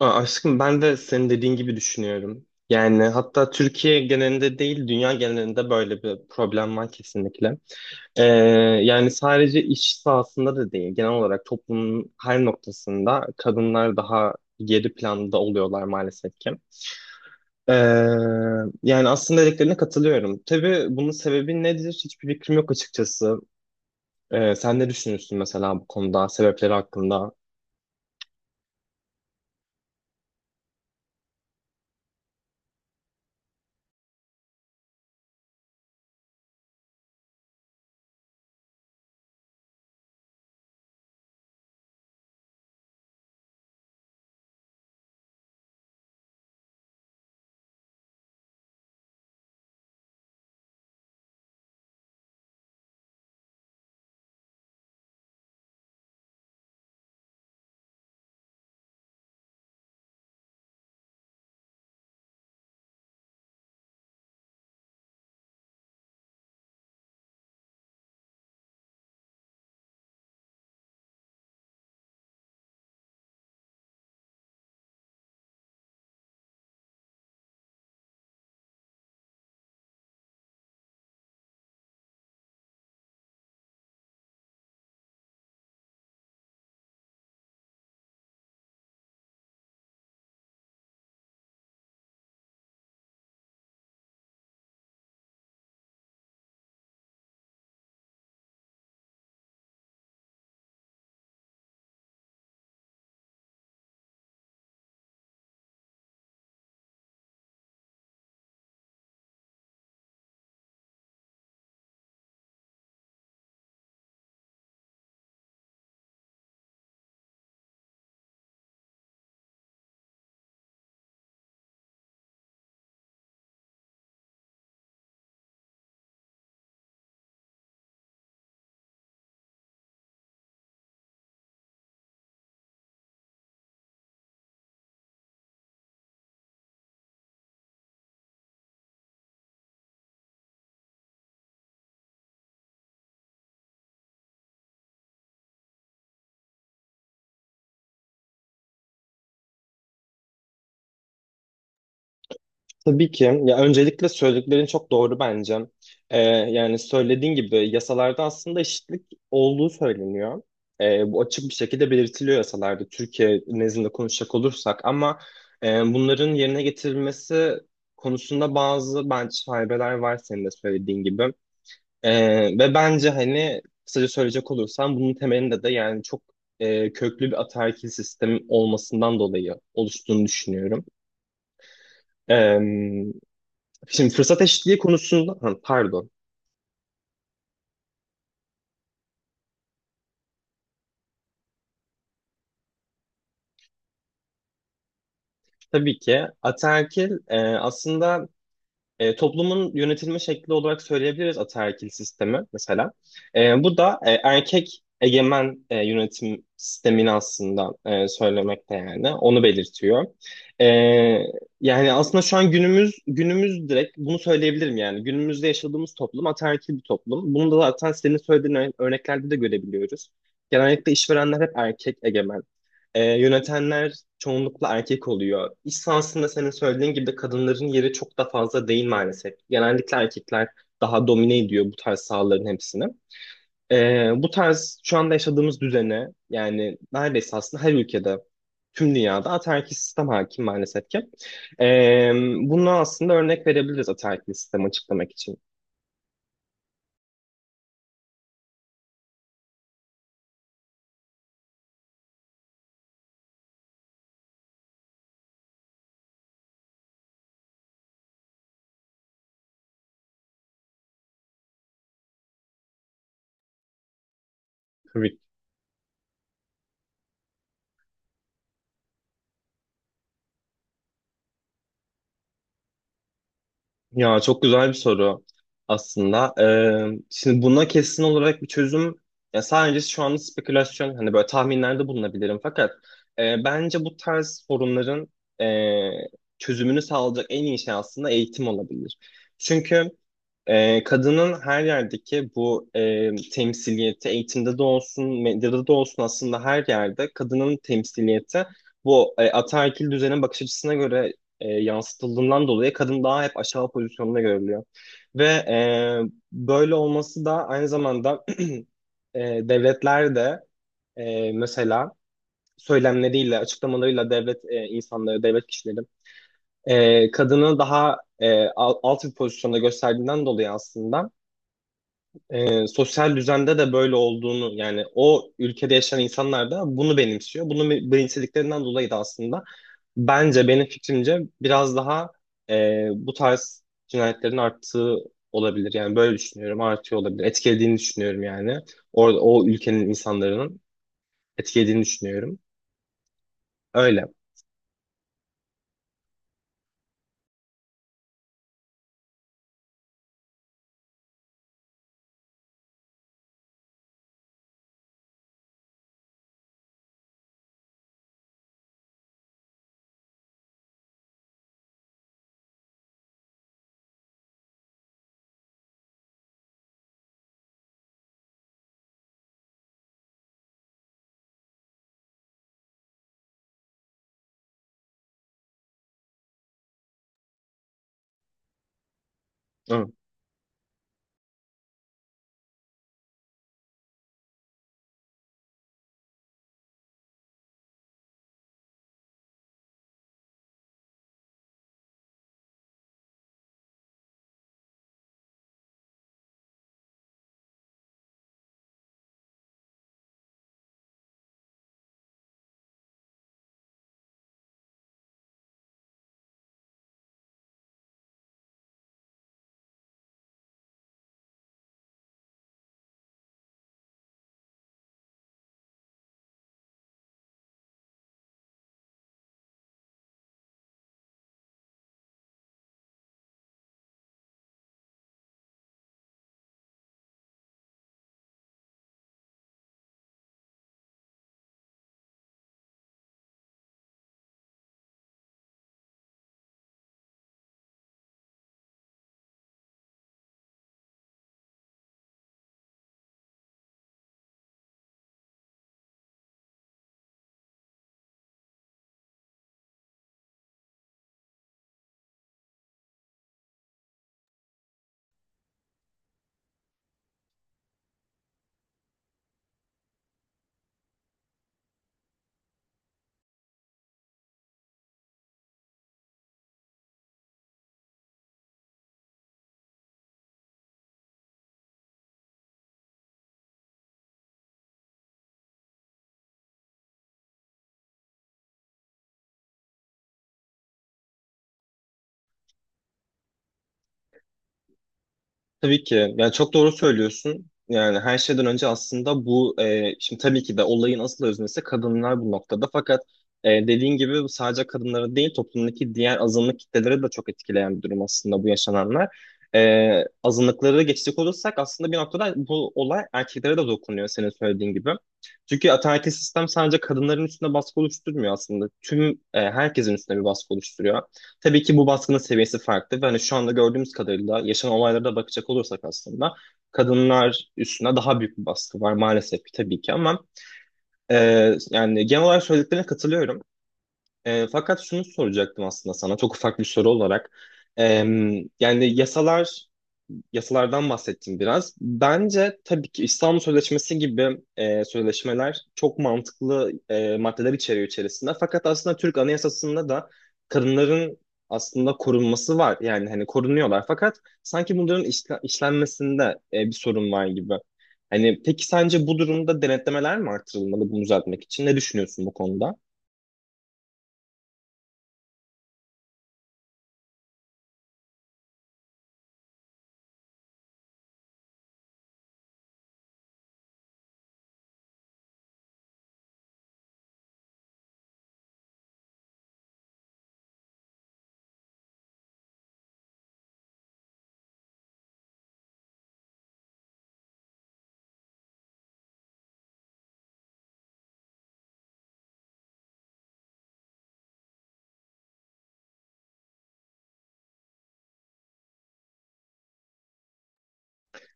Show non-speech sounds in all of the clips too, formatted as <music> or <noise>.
Aşkım, ben de senin dediğin gibi düşünüyorum. Yani hatta Türkiye genelinde değil, dünya genelinde böyle bir problem var kesinlikle. Ee, Yani sadece iş sahasında da değil, genel olarak toplumun her noktasında kadınlar daha geri planda oluyorlar maalesef ki. Ee, Yani aslında dediklerine katılıyorum. Tabii bunun sebebi nedir? Hiçbir fikrim yok açıkçası. Sen ne düşünüyorsun mesela bu konuda, sebepleri hakkında? Tabii ki. Ya öncelikle söylediklerin çok doğru bence. Yani söylediğin gibi yasalarda aslında eşitlik olduğu söyleniyor. Bu açık bir şekilde belirtiliyor yasalarda Türkiye nezdinde konuşacak olursak ama bunların yerine getirilmesi konusunda bazı bence şaibeler var senin de söylediğin gibi. Ve bence hani kısaca söyleyecek olursam bunun temelinde de yani çok köklü bir ataerkil sistem olmasından dolayı oluştuğunu düşünüyorum. Ee, Şimdi fırsat eşitliği konusunda ha, pardon. Tabii ki ataerkil aslında toplumun yönetilme şekli olarak söyleyebiliriz ataerkil sistemi mesela. Bu da erkek egemen yönetim sistemini aslında söylemekte, yani onu belirtiyor. E, Yani aslında şu an günümüz direkt bunu söyleyebilirim, yani günümüzde yaşadığımız toplum ataerkil bir toplum. Bunu da zaten senin söylediğin örneklerde de görebiliyoruz. Genellikle işverenler hep erkek egemen. Yönetenler çoğunlukla erkek oluyor. İş sahasında senin söylediğin gibi kadınların yeri çok da fazla değil maalesef. Genellikle erkekler daha domine ediyor bu tarz sahaların hepsini. Bu tarz şu anda yaşadığımız düzene, yani neredeyse aslında her ülkede, tüm dünyada ataerkil sistem hakim maalesef ki. Ee, Bunu aslında örnek verebiliriz ataerkil sistemi açıklamak için. Ya çok güzel bir soru aslında. Şimdi buna kesin olarak bir çözüm, ya sadece şu anda spekülasyon hani böyle tahminlerde bulunabilirim fakat bence bu tarz sorunların e, çözümünü sağlayacak en iyi şey aslında eğitim olabilir. Çünkü kadının her yerdeki bu temsiliyeti, eğitimde de olsun, medyada da olsun, aslında her yerde kadının temsiliyeti bu ataerkil düzenin bakış açısına göre yansıtıldığından dolayı kadın daha hep aşağı pozisyonda görülüyor. Ve böyle olması da aynı zamanda <clears throat> e, devletler de mesela söylemleriyle, açıklamalarıyla, devlet insanları, devlet kişileri kadını daha alt bir pozisyonda gösterdiğinden dolayı aslında sosyal düzende de böyle olduğunu, yani o ülkede yaşayan insanlar da bunu benimsiyor. Bunu benimsediklerinden dolayı da aslında bence, benim fikrimce, biraz daha bu tarz cinayetlerin arttığı olabilir. Yani böyle düşünüyorum, artıyor olabilir. Etkilediğini düşünüyorum yani. Orada o ülkenin insanların etkilediğini düşünüyorum. Öyle. Hı. Tabii ki. Yani çok doğru söylüyorsun. Yani her şeyden önce aslında bu şimdi tabii ki de olayın asıl öznesi kadınlar bu noktada. Fakat dediğin gibi bu sadece kadınları değil, toplumdaki diğer azınlık kitleleri de çok etkileyen bir durum aslında bu yaşananlar. Azınlıkları geçecek olursak aslında bir noktada bu olay erkeklere de dokunuyor, senin söylediğin gibi. Çünkü ataerkil sistem sadece kadınların üstünde baskı oluşturmuyor aslında. Tüm herkesin üstüne bir baskı oluşturuyor. Tabii ki bu baskının seviyesi farklı ve hani şu anda gördüğümüz kadarıyla yaşanan olaylara da bakacak olursak aslında kadınlar üstüne daha büyük bir baskı var maalesef ki tabii ki ama yani genel olarak söylediklerine katılıyorum. Fakat şunu soracaktım aslında sana çok ufak bir soru olarak. E, Yani yasalardan bahsettim biraz. Bence tabii ki İstanbul Sözleşmesi gibi sözleşmeler çok mantıklı maddeler içeriyor içerisinde. Fakat aslında Türk Anayasası'nda da kadınların aslında korunması var. Yani hani korunuyorlar. Fakat sanki bunların işlenmesinde bir sorun var gibi. Hani peki sence bu durumda denetlemeler mi artırılmalı bunu düzeltmek için? Ne düşünüyorsun bu konuda?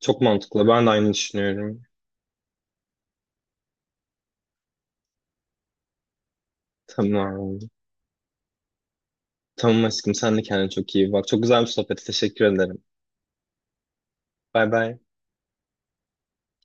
Çok mantıklı. Ben de aynı düşünüyorum. Tamam. Tamam aşkım, sen de kendine çok iyi bak. Çok güzel bir sohbet. Teşekkür ederim. Bay bay.